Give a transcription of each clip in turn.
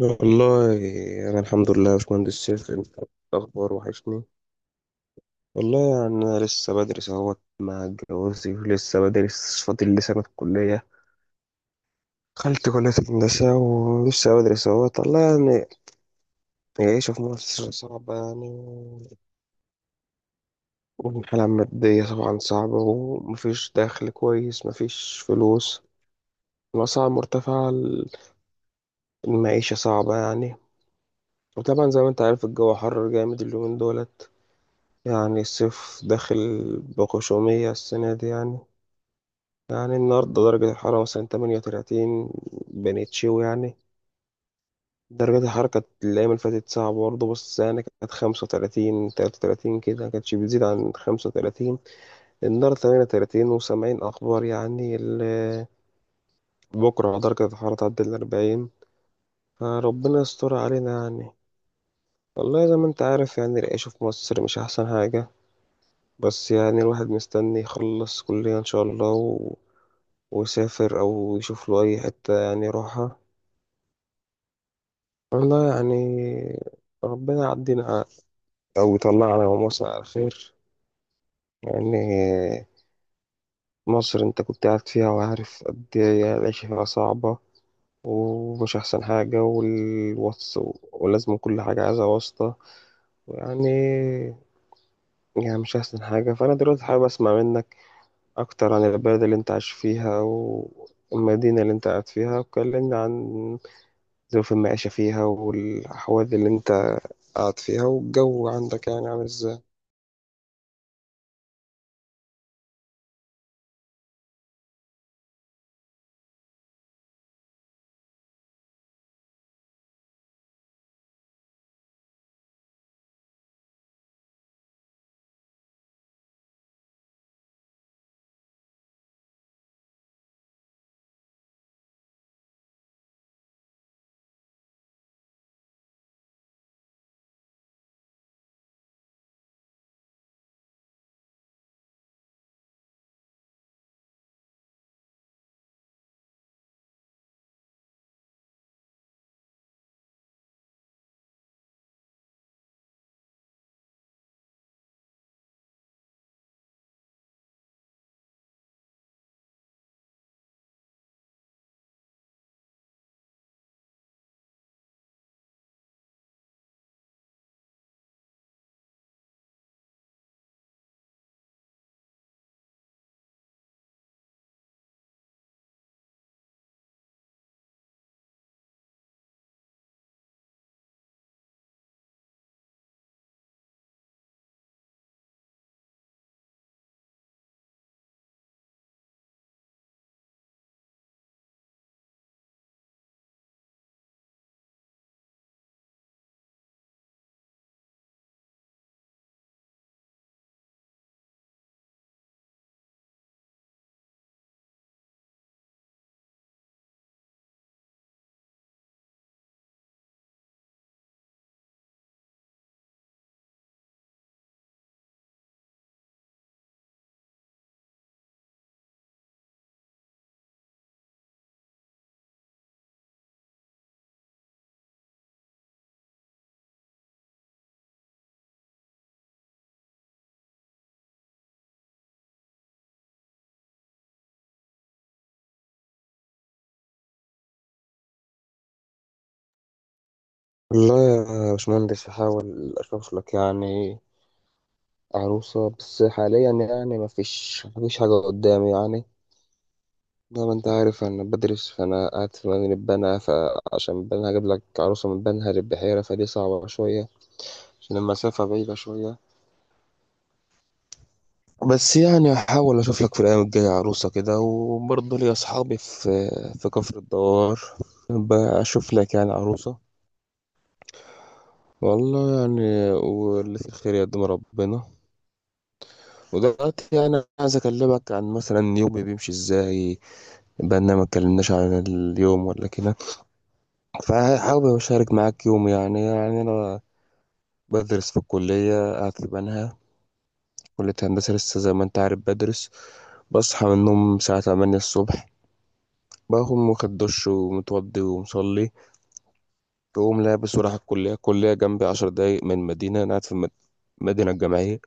والله، أنا الحمد لله يا باشمهندس سيف. أنت الأخبار وحشني. والله يعني أنا لسه بدرس أهوت مع جوازي، ولسه بدرس، فاضل لي سنة كلية. دخلت كلية هندسة ولسه بدرس أهوت. والله يعني العيشة في مصر صعبة يعني، والحالة المادية طبعا صعبة، ومفيش دخل كويس، مفيش فلوس، الأسعار مرتفعة، المعيشة صعبة يعني. وطبعا زي ما أنت عارف الجو حر جامد اليومين دول، يعني الصيف داخل بغشومية السنة دي يعني. يعني النهاردة درجة الحرارة مثلا 38، بنتشيو يعني. درجة الحرارة كانت الأيام اللي فاتت صعبة برضه، بس يعني كانت 35، 33 كده، مكانتش بتزيد عن 35. النهاردة 38 وسامعين أخبار يعني بكرة درجة الحرارة تعدي ال 40، فربنا يستر علينا يعني. والله زي ما انت عارف يعني العيش في مصر مش أحسن حاجة، بس يعني الواحد مستني يخلص كلية إن شاء الله ويسافر، أو يشوف له أي حتة يعني يروحها. والله يعني ربنا يعدينا أو يطلعنا ومصر على خير يعني. مصر أنت كنت قاعد فيها وعارف قد إيه العيشة فيها صعبة، ومش أحسن حاجة، والوص، ولازم كل حاجة عايزة واسطة يعني. يعني مش أحسن حاجة. فأنا دلوقتي حابب أسمع منك أكتر عن البلد اللي أنت عايش فيها، والمدينة اللي أنت قاعد فيها، وكلمني عن ظروف المعيشة فيها، والأحوال اللي أنت قاعد فيها، والجو عندك يعني عامل إزاي. والله يا باشمهندس هحاول أشوف لك يعني عروسة، بس حاليا يعني مفيش حاجة قدامي يعني. زي ما أنت عارف أنا بدرس، فأنا قاعد في مدينة بنها، فعشان بنها أجيب لك عروسة من بنها للبحيرة، فدي صعبة شوية، عشان المسافة بعيدة شوية. بس يعني هحاول أشوف لك في الأيام الجاية عروسة كده، وبرضه لي أصحابي في كفر الدوار، بشوف لك يعني عروسة. والله يعني واللي في الخير يقدم ربنا. ودلوقتي يعني عايز اكلمك عن مثلا يومي بيمشي ازاي، بقى ما اتكلمناش عن اليوم ولا كده. فحابب اشارك معاك يومي يعني. يعني انا بدرس في الكلية، قاعد في بنها، كلية هندسة لسه، زي ما انت عارف بدرس. بصحى من النوم الساعة 8 الصبح، بقوم واخد دش ومتوضي ومصلي. بقوم لابس ورايح الكلية، الكلية جنبي عشر دقايق من مدينة أنا قاعد في المدينة الجامعية.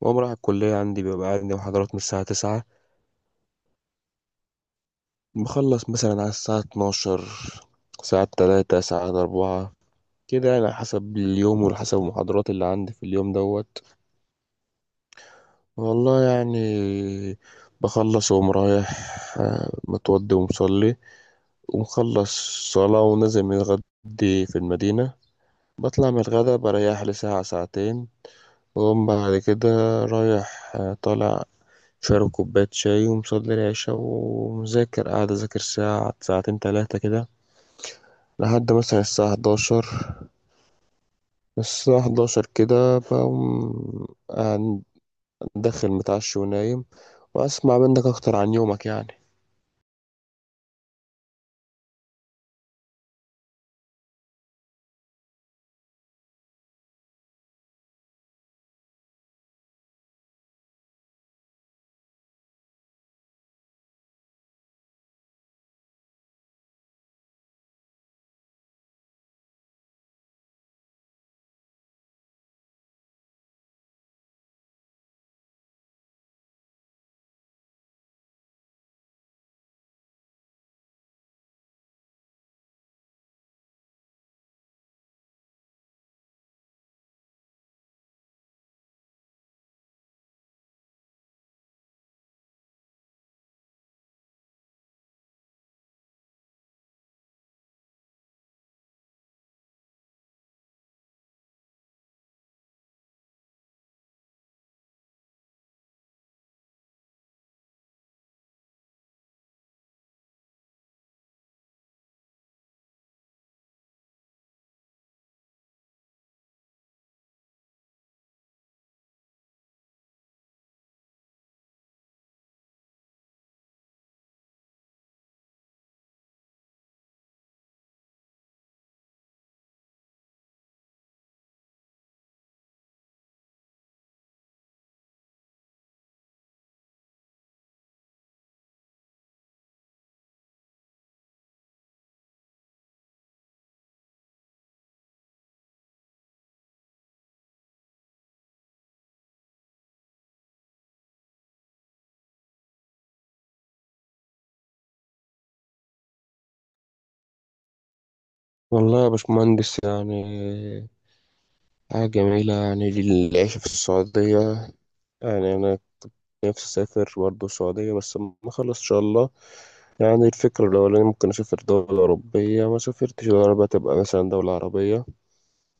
وأقوم رايح الكلية، عندي بيبقى عندي محاضرات من الساعة تسعة، بخلص مثلا على الساعة اتناشر، ساعات تلاتة، ساعات أربعة كده يعني، على حسب اليوم وحسب المحاضرات اللي عندي في اليوم دوت. والله يعني بخلص وأقوم رايح، متوضي ومصلي ومخلص صلاة، ونازل متغدي في المدينة. بطلع من الغدا بريح لي ساعة ساعتين، وأقوم بعد كده رايح طالع، شارب كوباية شاي ومصلي العشاء ومذاكر، قاعد أذاكر ساعة ساعتين تلاتة كده، لحد مثلا الساعة 11. الساعة 11 كده بقوم قاعد داخل متعشي ونايم. وأسمع منك أكتر عن يومك يعني. والله يا باشمهندس يعني حاجة جميلة يعني العيش في السعودية. يعني أنا نفسي أسافر برضه السعودية، بس لما أخلص إن شاء الله. يعني الفكرة الأولانية ممكن أسافر دولة أوروبية، ما سافرتش دولة، بقى تبقى مثلا دولة عربية.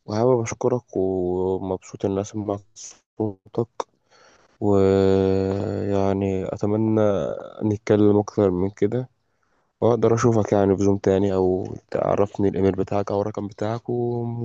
وحابب أشكرك ومبسوط إني أسمع صوتك، ويعني أتمنى نتكلم أكتر من كده، وأقدر أشوفك يعني في زوم تاني، أو تعرفني الإيميل بتاعك أو الرقم بتاعك و...